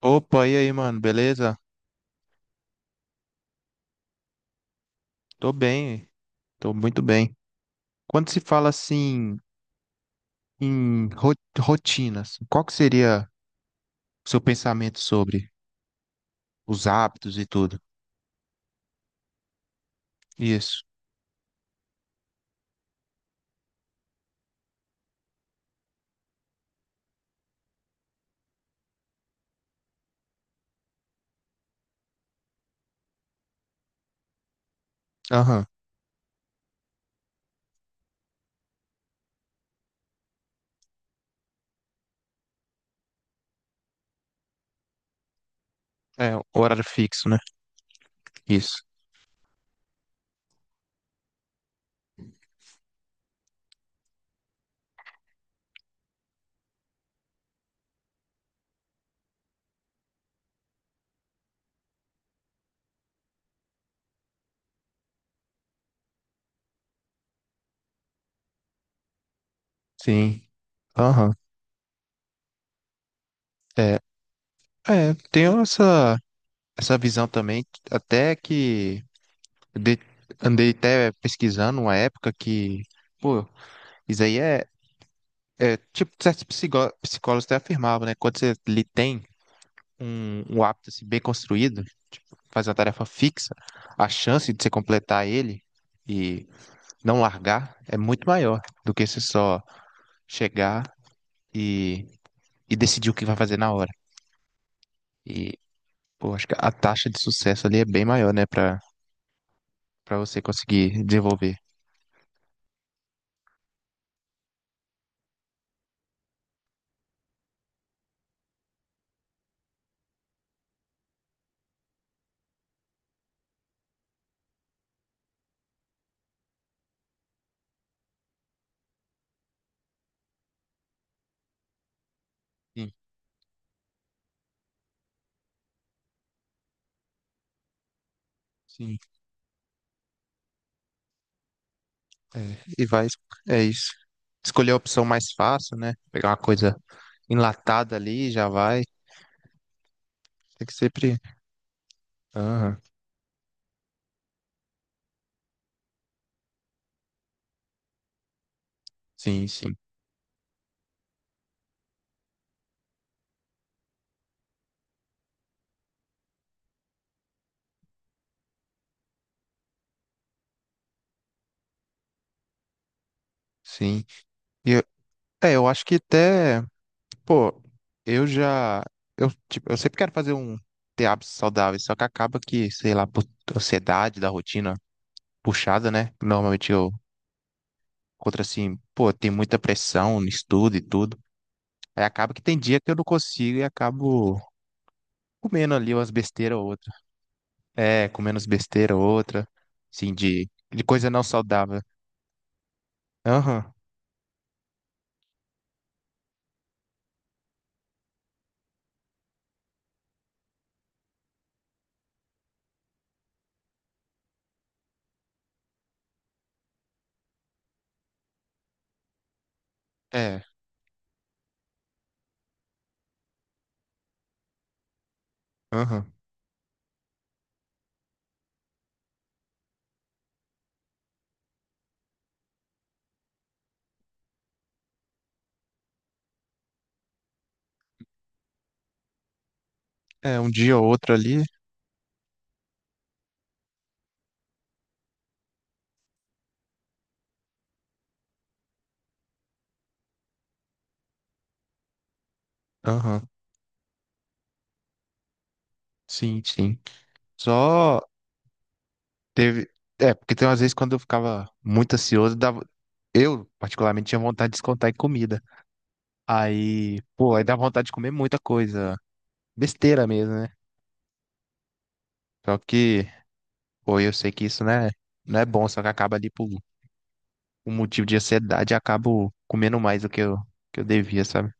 Opa, e aí, mano, beleza? Tô bem, tô muito bem. Quando se fala assim em rotinas, qual que seria o seu pensamento sobre os hábitos e tudo? Isso. Aham. É, horário fixo, né? Isso. Sim. Aham. É, é, tenho essa, visão também, até que eu andei até pesquisando uma época que, pô, isso aí é tipo, certos psicólogos até afirmavam, né? Quando você lhe tem um hábito assim, bem construído, faz uma tarefa fixa, a chance de você completar ele e não largar é muito maior do que você só chegar e, e decidir o que vai fazer na hora. E, pô, acho que a taxa de sucesso ali é bem maior, né, para você conseguir desenvolver. Sim, sim. É, e vai, é isso. Escolher a opção mais fácil, né? Pegar uma coisa enlatada ali, já vai. Tem que sempre. Aham, sim, sim, sim. E É, eu acho que até, pô, eu já, eu, tipo, eu sempre quero fazer ter hábitos saudáveis, só que acaba que, sei lá, por ansiedade da rotina puxada, né? Normalmente eu encontro assim, pô, tem muita pressão no estudo e tudo. Aí acaba que tem dia que eu não consigo e acabo comendo ali umas besteiras ou outra. É, comendo umas besteiras ou outra, assim, de, coisa não saudável. Aham, é, aham. É, um dia ou outro ali, aham, sim, sim. Só. Teve. É, porque tem umas vezes quando eu ficava muito ansioso, dava. Eu, particularmente, tinha vontade de descontar em comida. Aí, pô, aí dá vontade de comer muita coisa. Besteira mesmo, né? Só que, pô, eu sei que isso não é bom, só que acaba ali por um motivo de ansiedade, eu acabo comendo mais do que eu devia, sabe?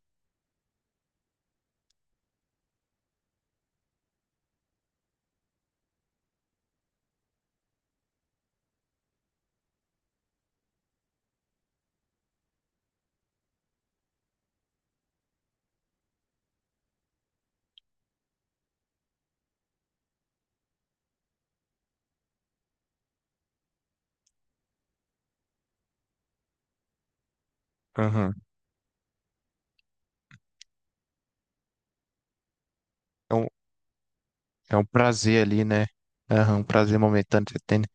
Aham. É um, é um prazer ali, né? Aham, um prazer momentâneo que você tem, né?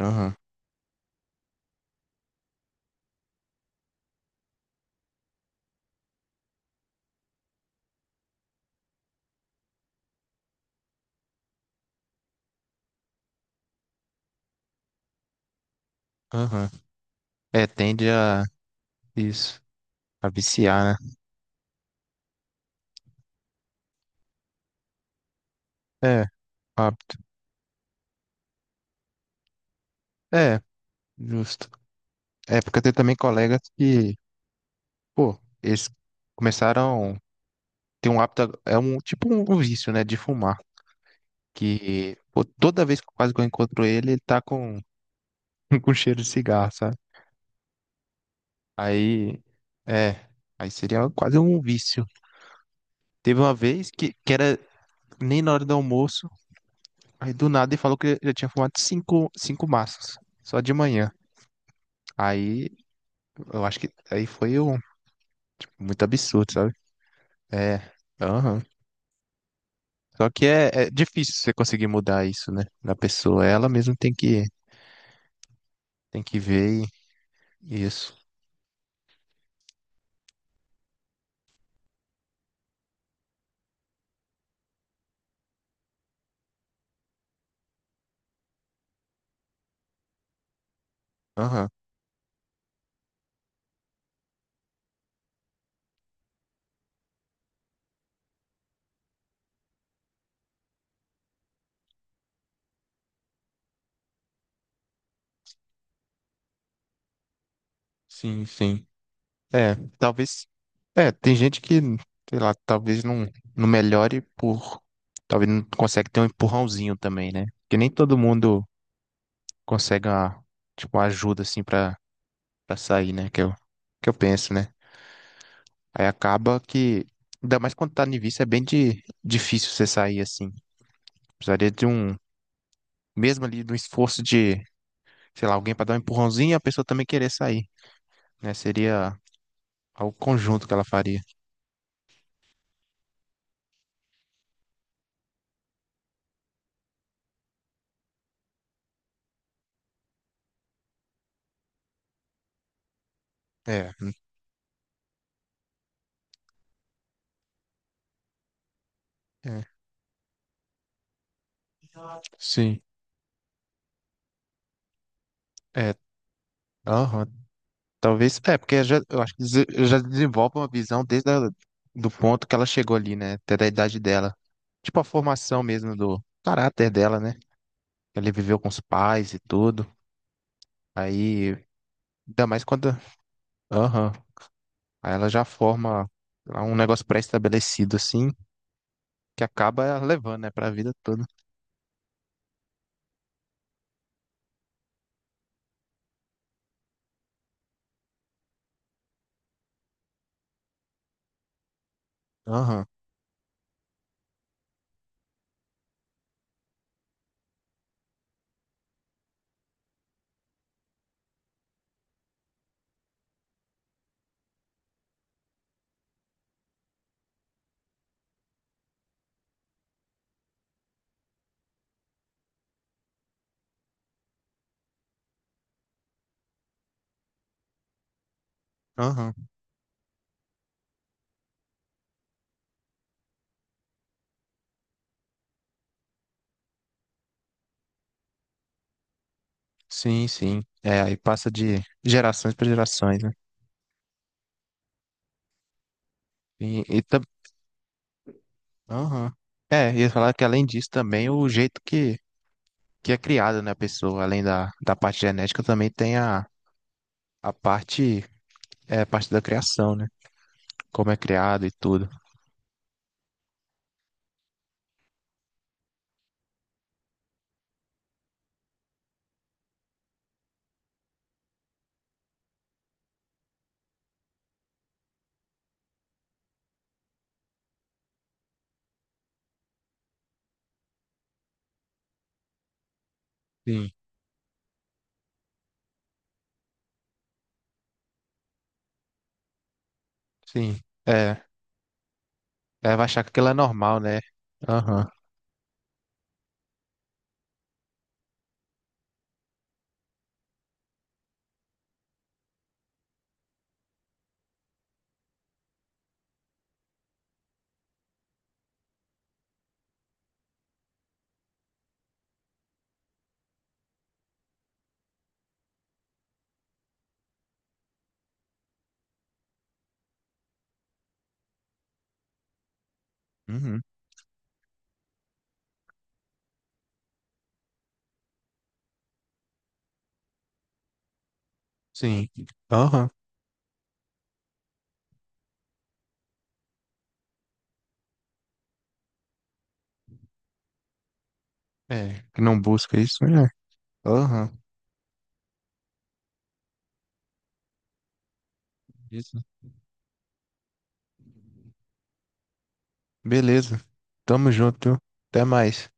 Aham, aham. É, tende a isso, a viciar, né? É, hábito. É, justo. É, porque tem também colegas que, pô, eles começaram. Tem um hábito, é um tipo um vício, né, de fumar, que pô, toda vez que quase que eu encontro ele, ele tá com com cheiro de cigarro, sabe? Aí é, aí seria quase um vício. Teve uma vez que, era nem na hora do almoço, aí do nada ele falou que ele já tinha fumado cinco, cinco maços, só de manhã. Aí eu acho que aí foi muito absurdo, sabe? É, aham. Só que é difícil você conseguir mudar isso, né, na pessoa. Ela mesmo tem que, ver e, isso. Aham, sim, sim. É, talvez. É, tem gente que, sei lá, talvez não melhore por. Talvez não consegue ter um empurrãozinho também, né? Porque nem todo mundo consegue uma, tipo, uma ajuda assim pra sair, né? Que eu penso, né? Aí acaba que. Ainda mais quando tá no início, é bem difícil você sair assim. Precisaria de um. Mesmo ali, de um esforço de, sei lá, alguém pra dar um empurrãozinho e a pessoa também querer sair, né? Seria algo conjunto que ela faria. É, sim, é, aham, talvez, é, porque já, eu acho que já desenvolve uma visão desde do ponto que ela chegou ali, né, até da idade dela, tipo a formação mesmo do caráter dela, né, ela viveu com os pais e tudo, aí, ainda mais quando, aham, aí ela já forma lá um negócio pré-estabelecido, assim, que acaba levando, né, pra vida toda, aham, aham, sim, sim, é, aí passa de gerações para gerações, né. e, e Aham. É, ia falar que além disso também o jeito que é criada, né, a pessoa, além da parte genética, também tem a parte, é, a parte da criação, né? Como é criado e tudo. Sim, sim. É. Deve achar que aquilo é normal, né? Aham. Uhum. Sim. Aham. É, que não busca isso, né? Aham. Isso. Beleza. Tamo junto, viu? Até mais.